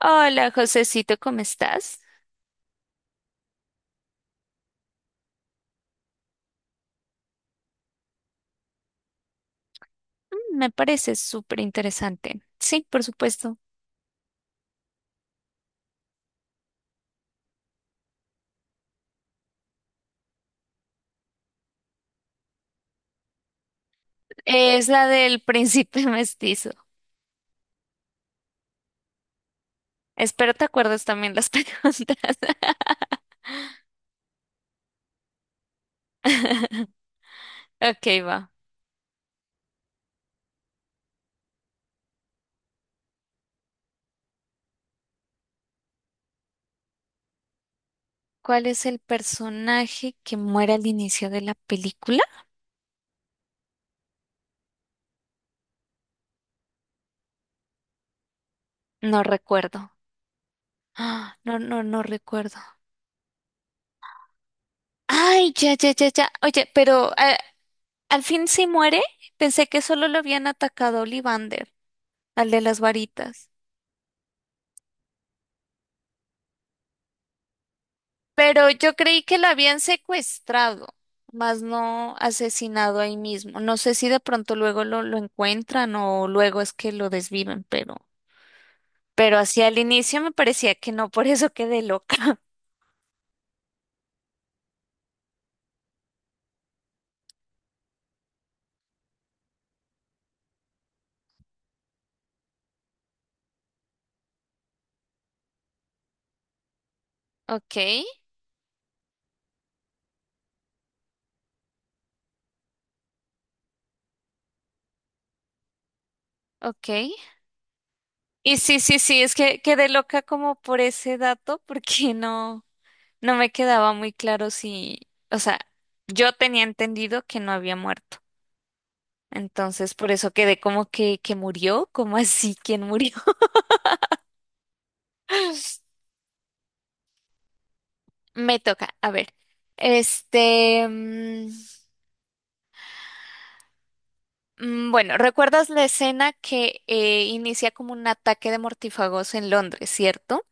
Hola, Josecito, ¿cómo estás? Me parece súper interesante. Sí, por supuesto. Es la del príncipe mestizo. Espero te acuerdes también las preguntas. Ok, va. ¿Cuál es el personaje que muere al inicio de la película? No recuerdo. Ah, no, no, no recuerdo. Ay, ya, ya, ya, ya. Oye, pero al fin sí muere. Pensé que solo lo habían atacado a Ollivander, al de las varitas. Pero yo creí que la habían secuestrado, más no asesinado ahí mismo. No sé si de pronto luego lo encuentran o luego es que lo desviven, pero hacia el inicio me parecía que no, por eso quedé loca. Ok, ok. Y sí, sí, sí, es que quedé loca como por ese dato, porque no, no me quedaba muy claro si, o sea, yo tenía entendido que no había muerto. Entonces, por eso quedé como que murió, como así, ¿quién murió? Me toca, a ver. Este, mm, bueno, ¿recuerdas la escena que inicia como un ataque de mortífagos en Londres, ¿cierto?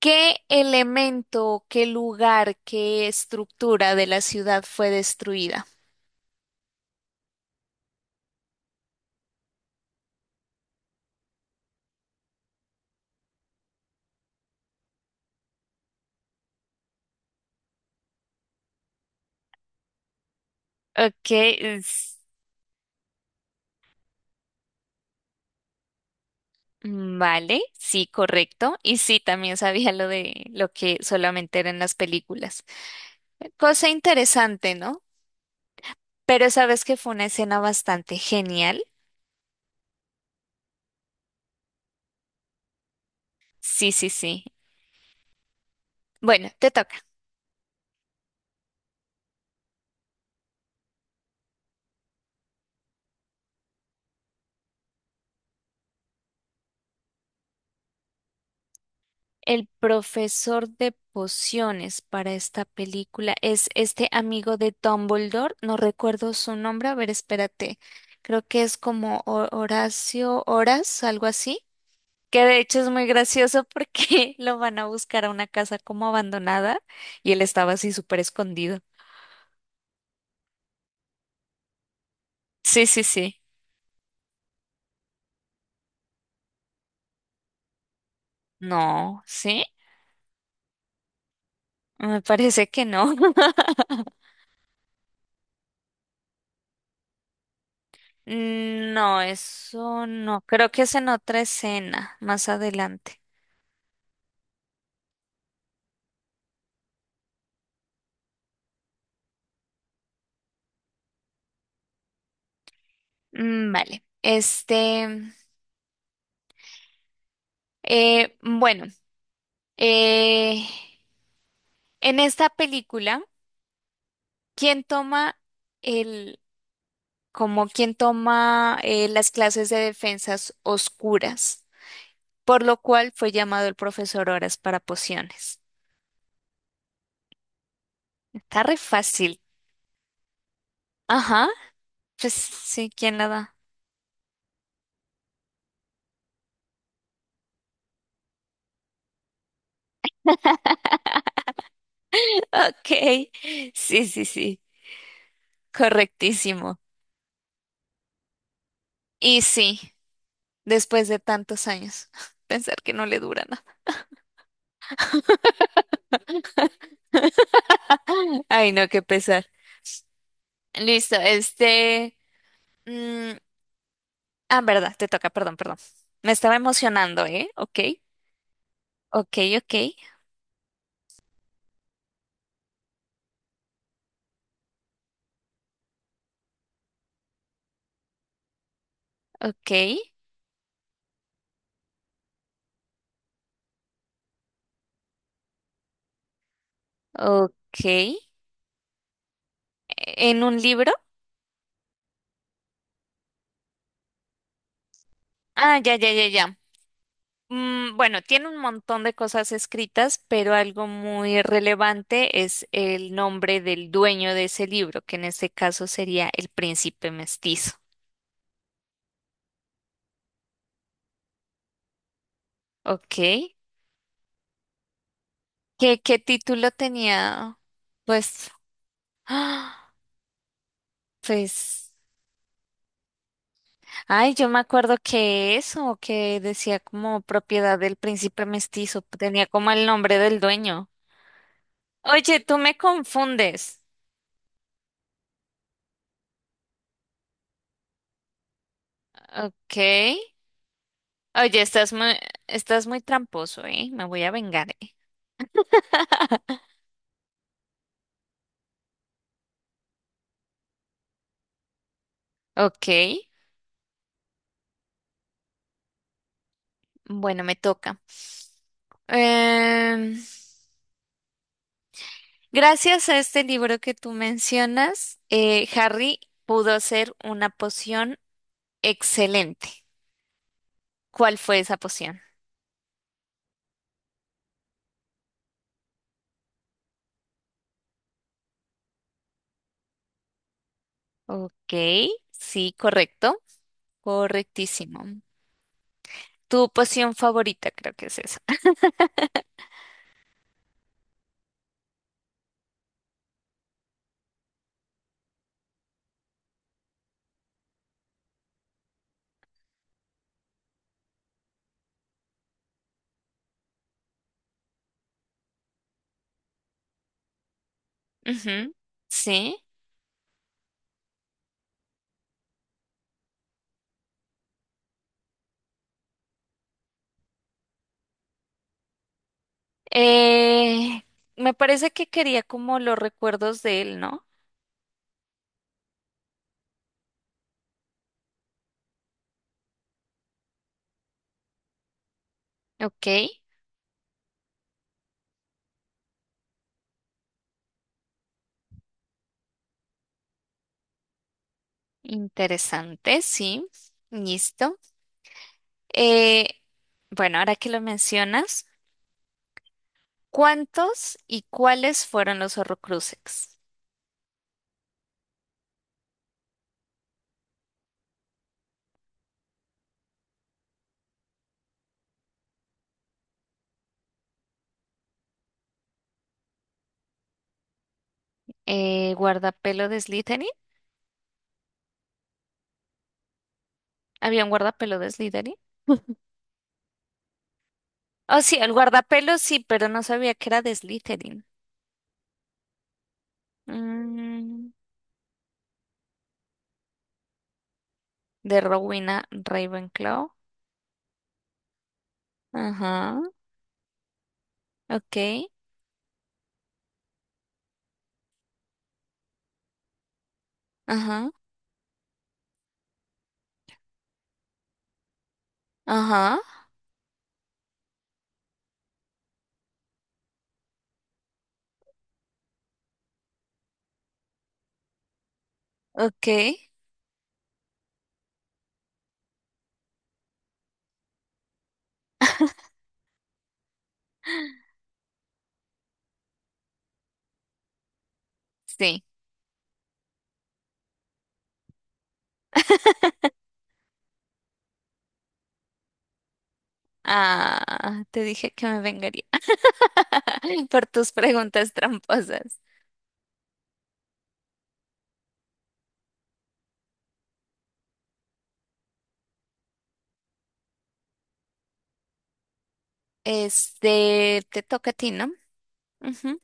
¿Qué elemento, qué lugar, qué estructura de la ciudad fue destruida? Ok, es- vale, sí, correcto. Y sí, también sabía lo de lo que solamente era en las películas. Cosa interesante, ¿no? Pero sabes que fue una escena bastante genial. Sí, sí, sí. Bueno, te toca. El profesor de pociones para esta película es este amigo de Dumbledore. No recuerdo su nombre. A ver, espérate. Creo que es como Horacio Horas, algo así. Que de hecho es muy gracioso porque lo van a buscar a una casa como abandonada y él estaba así súper escondido. Sí, sí, sí. No, ¿sí? Me parece que no. No, eso no. Creo que es en otra escena, más adelante. Mm, vale. Bueno, eh, en esta película, ¿quién toma el, como quién toma las clases de defensas oscuras? Por lo cual fue llamado el profesor Horas para pociones. Está re fácil. Ajá, pues sí, ¿quién la da? Ok, sí, sí, sí, correctísimo. Y sí, después de tantos años, pensar que no le dura nada. Ay, no, qué pesar. Listo, este... mm, ah, verdad, te toca, perdón, perdón. Me estaba emocionando, ¿eh? Ok, ok, ok, ok, ok. E, ¿en un libro? Ah, ya, ya, ya, ya. Mm, bueno, tiene un montón de cosas escritas, pero algo muy relevante es el nombre del dueño de ese libro, que en este caso sería El Príncipe Mestizo. Ok. ¿Qué, qué título tenía? Pues, ¡ah! Pues. Ay, yo me acuerdo que eso, que decía como propiedad del príncipe mestizo, tenía como el nombre del dueño. Oye, tú me confundes. Ok. Oye, estás muy tramposo, ¿eh? Me voy a vengar, ¿eh? Ok. Bueno, me toca. Em, gracias a este libro que tú mencionas, Harry pudo hacer una poción excelente. ¿Cuál fue esa poción? Ok, sí, correcto. Correctísimo. Tu poción favorita, creo que es esa. Ujú, sí. Eh, me parece que quería como los recuerdos de él, ¿no? Ok, interesante, sí. Listo. Eh, bueno, ahora que lo mencionas, ¿cuántos y cuáles fueron los Horrocruxes? ¿Guardapelo de Slytherin? ¿Había un guardapelo de Slytherin? Oh, sí, el guardapelo sí, pero no sabía que era de Slytherin. Mm, de Rowena Ravenclaw. Ajá, ok, ajá, ajá, ok, sí. Ah, te dije que me vengaría por tus preguntas tramposas. Este, te toca a ti, ¿no? Ujú.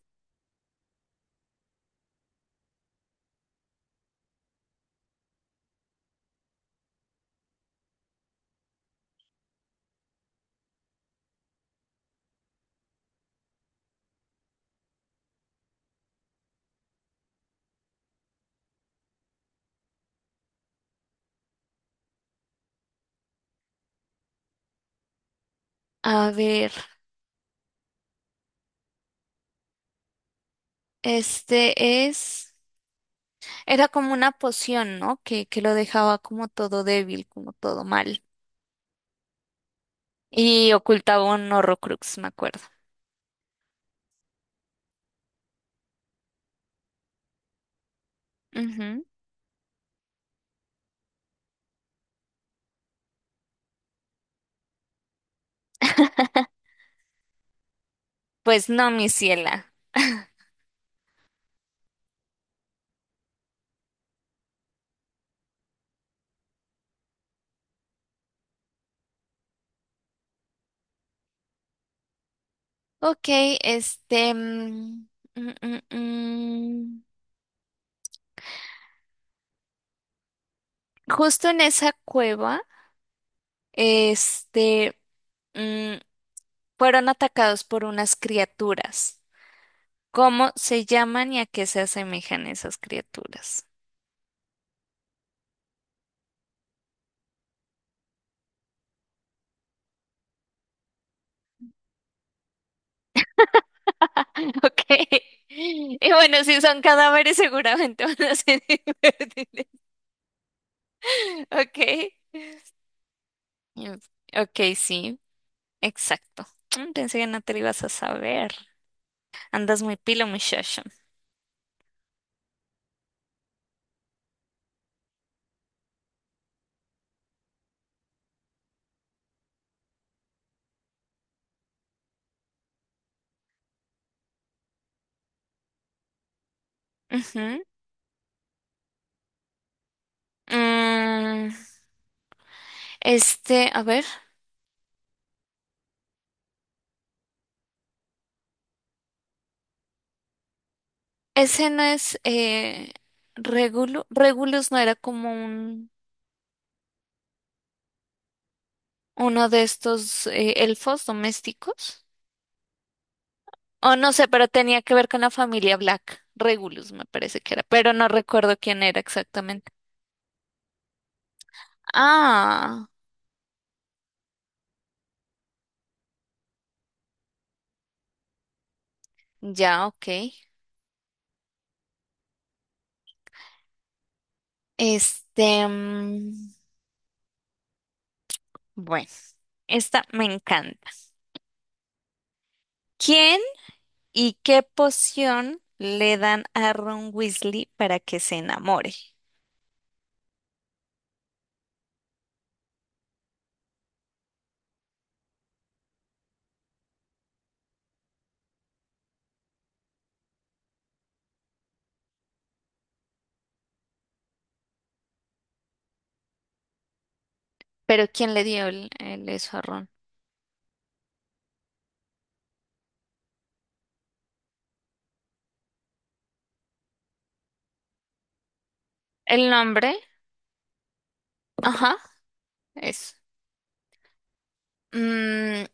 A ver, este es, era como una poción, ¿no? Que lo dejaba como todo débil, como todo mal. Y ocultaba un Horrocrux, me acuerdo. Ujú. Pues no, mi ciela. Ok, este... mm, mm, mm. Justo en esa cueva, este, mm, fueron atacados por unas criaturas. ¿Cómo se llaman y a qué se asemejan esas criaturas? Ok. Y bueno, si son cadáveres, seguramente van a ser invertibles. Ok. Mm, Ok, sí, exacto. Pensé que no te lo ibas a saber. Andas muy pilo, muchacho. Ujú. Mm, este, a ver. Ese no es Regulus. Regulus no era como un, uno de estos elfos domésticos. O no sé, pero tenía que ver con la familia Black. Regulus me parece que era, pero no recuerdo quién era exactamente. Ah, ya, ok. Este, mm, bueno, esta me encanta. ¿Quién y qué poción le dan a Ron Weasley para que se enamore? Pero ¿quién le dio el eso a Ron? ¿El nombre? Ajá, eso. Mm,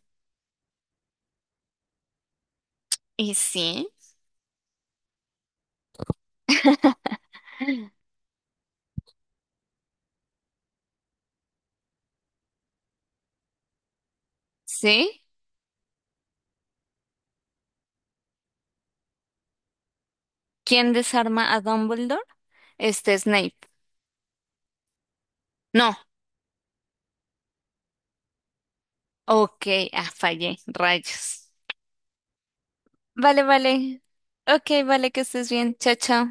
y sí, sí. ¿Quién desarma a Dumbledore? Este Snape. No, ok, ah, fallé, rayos. Vale, vale. Ok, vale, que estés bien. Chao, chao.